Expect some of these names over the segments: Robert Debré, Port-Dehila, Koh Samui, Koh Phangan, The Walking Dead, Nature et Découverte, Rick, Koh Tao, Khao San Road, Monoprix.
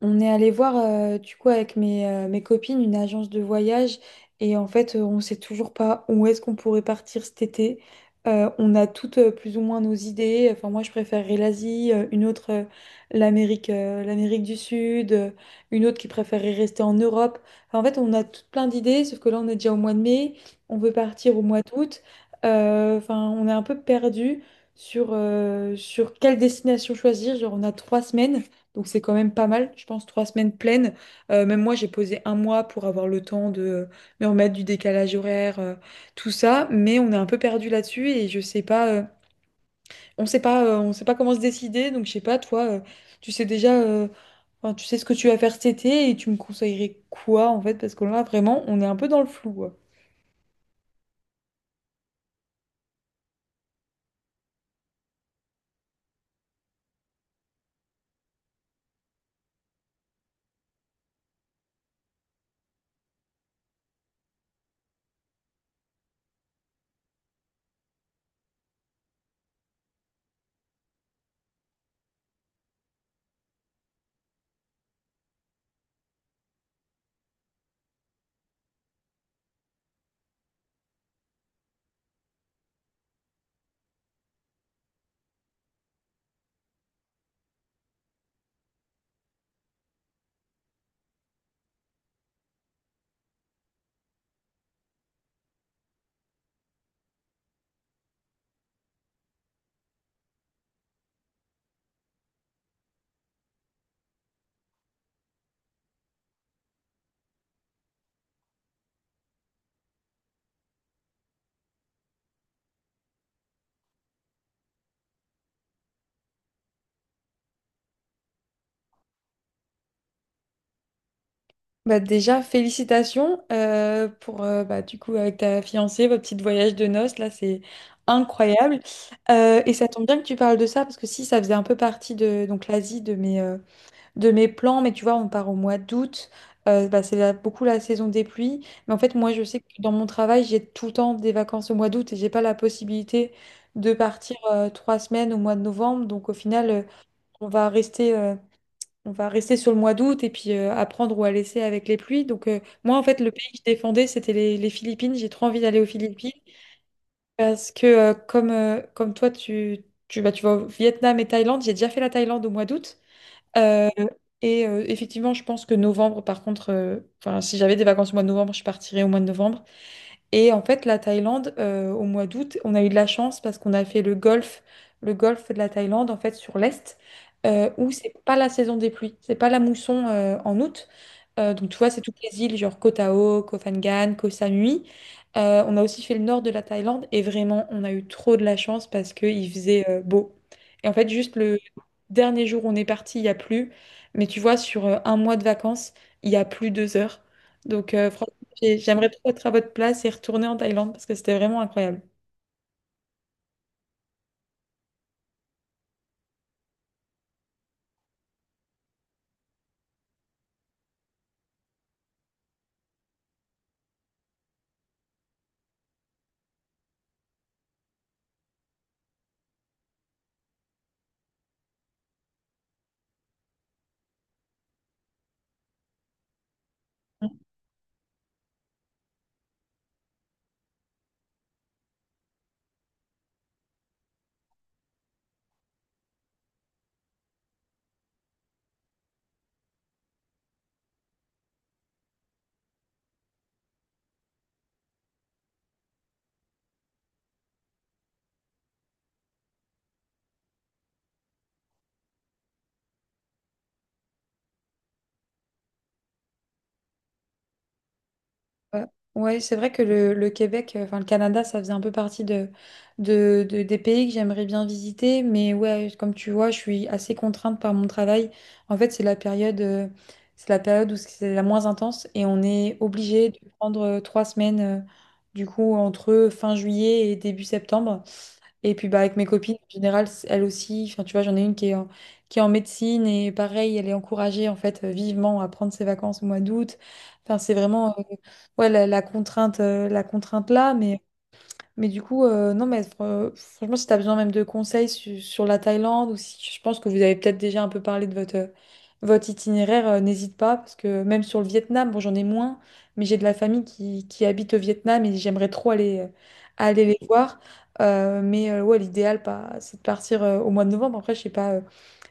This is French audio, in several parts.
On est allé voir, du coup, avec mes copines, une agence de voyage. Et en fait, on sait toujours pas où est-ce qu'on pourrait partir cet été. On a toutes plus ou moins nos idées. Enfin, moi, je préférerais l'Asie, une l'Amérique, l'Amérique du Sud, une autre qui préférerait rester en Europe. Enfin, en fait, on a toutes plein d'idées, sauf que là, on est déjà au mois de mai. On veut partir au mois d'août. Enfin, on est un peu perdu sur quelle destination choisir. Genre, on a 3 semaines. Donc c'est quand même pas mal, je pense, 3 semaines pleines. Même moi, j'ai posé un mois pour avoir le temps de me remettre du décalage horaire, tout ça. Mais on est un peu perdu là-dessus et je sais pas, on sait pas comment se décider. Donc je sais pas, toi, tu sais déjà, enfin, tu sais ce que tu vas faire cet été et tu me conseillerais quoi en fait? Parce que là, vraiment, on est un peu dans le flou. Bah déjà, félicitations pour, bah, du coup, avec ta fiancée, votre petit voyage de noces, là, c'est incroyable. Et ça tombe bien que tu parles de ça, parce que si, ça faisait un peu partie de donc l'Asie, de de mes plans, mais tu vois, on part au mois d'août, c'est là, beaucoup la saison des pluies. Mais en fait, moi, je sais que dans mon travail, j'ai tout le temps des vacances au mois d'août et j'ai pas la possibilité de partir 3 semaines au mois de novembre. Donc, au final, on va rester. euh, on va rester sur le mois d'août et puis à prendre ou à laisser avec les pluies. Donc, moi, en fait, le pays que je défendais, c'était les Philippines. J'ai trop envie d'aller aux Philippines parce que, comme toi, bah, tu vas au Vietnam et Thaïlande. J'ai déjà fait la Thaïlande au mois d'août. Euh, et effectivement, je pense que novembre, par contre, enfin, si j'avais des vacances au mois de novembre, je partirais au mois de novembre. Et en fait, la Thaïlande, au mois d'août, on a eu de la chance parce qu'on a fait le golfe de la Thaïlande, en fait, sur l'Est, où c'est pas la saison des pluies, c'est pas la mousson en août. Donc, tu vois, c'est toutes les îles, genre Koh Tao, Koh Phangan, Koh Samui. On a aussi fait le nord de la Thaïlande et vraiment, on a eu trop de la chance parce qu'il faisait beau. Et en fait, juste le dernier jour où on est parti, il y a plu. Mais tu vois, sur un mois de vacances, il y a plus 2 heures. Donc, franchement j'aimerais trop être à votre place et retourner en Thaïlande parce que c'était vraiment incroyable. Ouais, ouais, c'est vrai que le Québec, enfin le Canada, ça faisait un peu partie des pays que j'aimerais bien visiter. Mais ouais, comme tu vois, je suis assez contrainte par mon travail. En fait, c'est la période où c'est la moins intense et on est obligé de prendre trois semaines, du coup, entre fin juillet et début septembre. Et puis bah, avec mes copines, en général, elles aussi, enfin, tu vois, j'en ai une qui est qui est en médecine et pareil, elle est encouragée en fait vivement à prendre ses vacances au mois d'août. Enfin, c'est vraiment ouais, la contrainte là, mais du coup, non, mais franchement, si tu as besoin même de conseils sur la Thaïlande ou si je pense que vous avez peut-être déjà un peu parlé de votre itinéraire, n'hésite pas parce que même sur le Vietnam, bon, j'en ai moins, mais j'ai de la famille qui habite au Vietnam et j'aimerais trop aller les voir. Mais ouais, l'idéal, pas, c'est de partir au mois de novembre. Après, je sais pas, euh,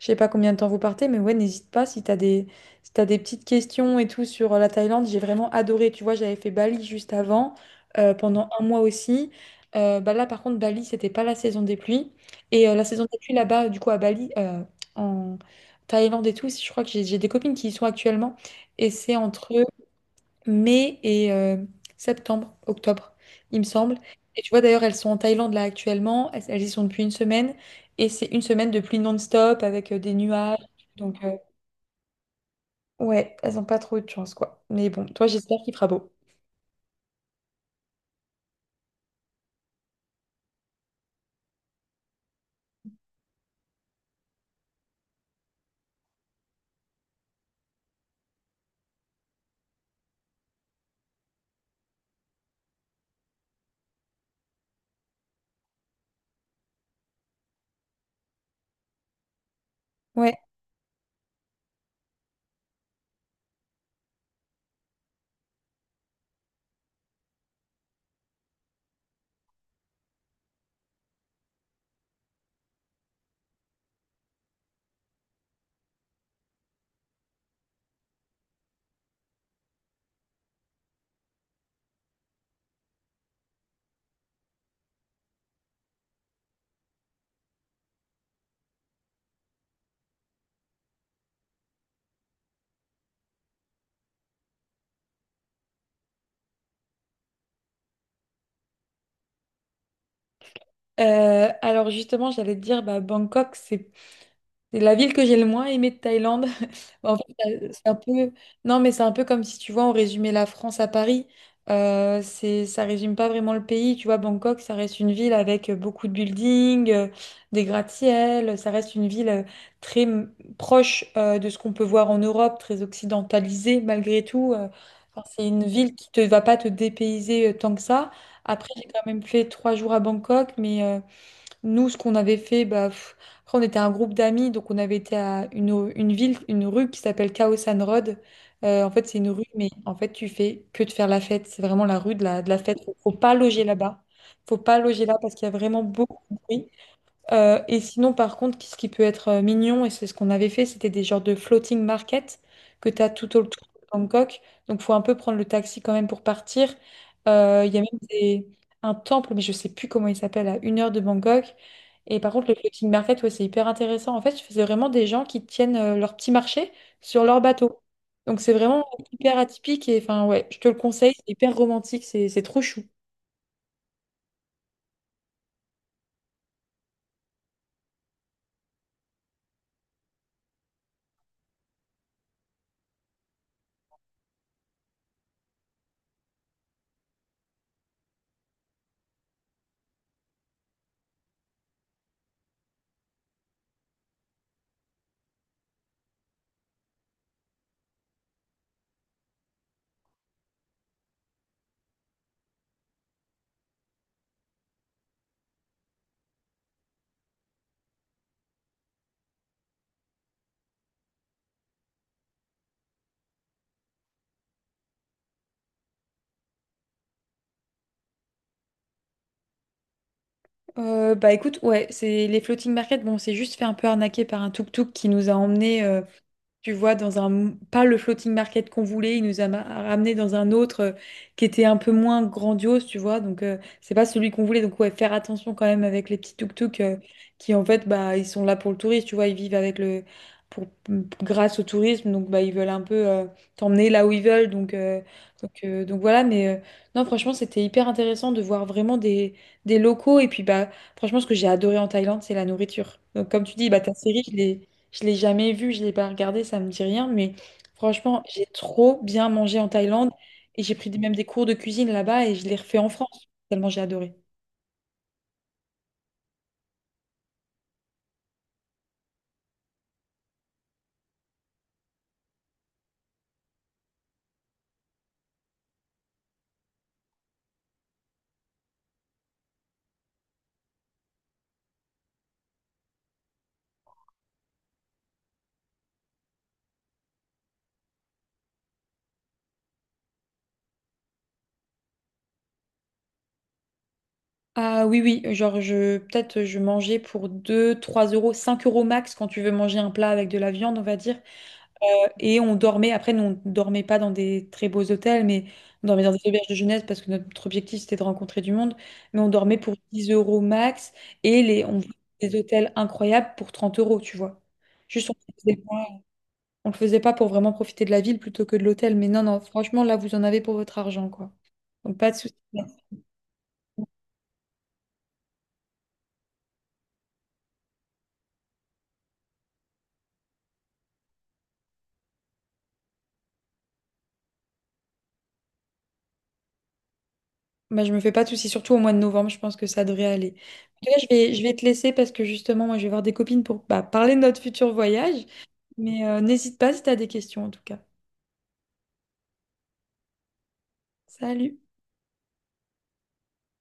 je sais pas combien de temps vous partez, mais ouais, n'hésite pas si tu as si t'as des petites questions et tout sur la Thaïlande. J'ai vraiment adoré. Tu vois, j'avais fait Bali juste avant, pendant un mois aussi. Bah là, par contre, Bali, c'était pas la saison des pluies. Et la saison des pluies là-bas, du coup, à Bali, en Thaïlande et tout, si, je crois que j'ai des copines qui y sont actuellement. Et c'est entre mai et septembre, octobre, il me semble. Et tu vois, d'ailleurs, elles sont en Thaïlande là actuellement. Elles, elles y sont depuis une semaine. Et c'est une semaine de pluie non-stop avec des nuages. Donc, ouais, elles ont pas trop eu de chance, quoi. Mais bon, toi, j'espère qu'il fera beau. Ouais, alors justement, j'allais te dire, bah, Bangkok, c'est la ville que j'ai le moins aimée de Thaïlande. En fait, c'est un peu. Non, mais c'est un peu comme si, tu vois, on résumait la France à Paris. Ça résume pas vraiment le pays. Tu vois, Bangkok, ça reste une ville avec beaucoup de buildings, des gratte-ciel. Ça reste une ville très proche de ce qu'on peut voir en Europe, très occidentalisée malgré tout. Enfin, c'est une ville qui te va pas te dépayser tant que ça. Après, j'ai quand même fait 3 jours à Bangkok, mais nous, ce qu'on avait fait, bah, après, on était un groupe d'amis, donc on avait été à une, une rue qui s'appelle Khao San Road. En fait, c'est une rue, mais en fait, tu fais que de faire la fête. C'est vraiment la rue de la fête. Faut pas loger là-bas. Faut pas loger là parce qu'il y a vraiment beaucoup de bruit. Et sinon, par contre, ce qui peut être mignon, et c'est ce qu'on avait fait, c'était des genres de floating market que tu as tout autour de Bangkok. Donc, faut un peu prendre le taxi quand même pour partir. Il y a même un temple, mais je sais plus comment il s'appelle, à une heure de Bangkok. Et par contre, le floating market, ouais, c'est hyper intéressant. En fait, c'est vraiment des gens qui tiennent leur petit marché sur leur bateau. Donc, c'est vraiment hyper atypique. Et enfin, ouais, je te le conseille, c'est hyper romantique, c'est trop chou. Bah écoute, ouais, c'est les floating market. Bon, on s'est juste fait un peu arnaquer par un tuk-tuk qui nous a emmené tu vois, dans un pas le floating market qu'on voulait. Il nous a ramenés dans un autre qui était un peu moins grandiose, tu vois. Donc c'est pas celui qu'on voulait. Donc ouais, faire attention quand même avec les petits tuk-tuk qui en fait, bah ils sont là pour le tourisme, tu vois. Ils vivent avec le pour grâce au tourisme, donc bah ils veulent un peu t'emmener là où ils veulent. Donc donc voilà. Mais non, franchement, c'était hyper intéressant de voir vraiment des locaux et puis bah, franchement, ce que j'ai adoré en Thaïlande, c'est la nourriture. Donc, comme tu dis, bah, ta série, je l'ai jamais vue, je l'ai pas regardée, ça me dit rien. Mais franchement, j'ai trop bien mangé en Thaïlande et j'ai pris même des cours de cuisine là-bas et je les refais en France, tellement j'ai adoré. Ah oui, oui, genre, peut-être je mangeais pour 2, 3 euros, 5 euros max quand tu veux manger un plat avec de la viande, on va dire. Et on dormait, après, nous, on dormait pas dans des très beaux hôtels, mais on dormait dans des auberges de jeunesse parce que notre objectif, c'était de rencontrer du monde. Mais on dormait pour 10 euros max et on voyait des hôtels incroyables pour 30 euros, tu vois. Juste, on le faisait pas pour vraiment profiter de la ville plutôt que de l'hôtel. Mais non, non, franchement, là, vous en avez pour votre argent, quoi. Donc, pas de souci. Bah, je me fais pas de soucis, surtout au mois de novembre, je pense que ça devrait aller. En tout cas, je vais te laisser parce que justement, moi, je vais voir des copines pour bah, parler de notre futur voyage. Mais n'hésite pas si tu as des questions, en tout cas. Salut!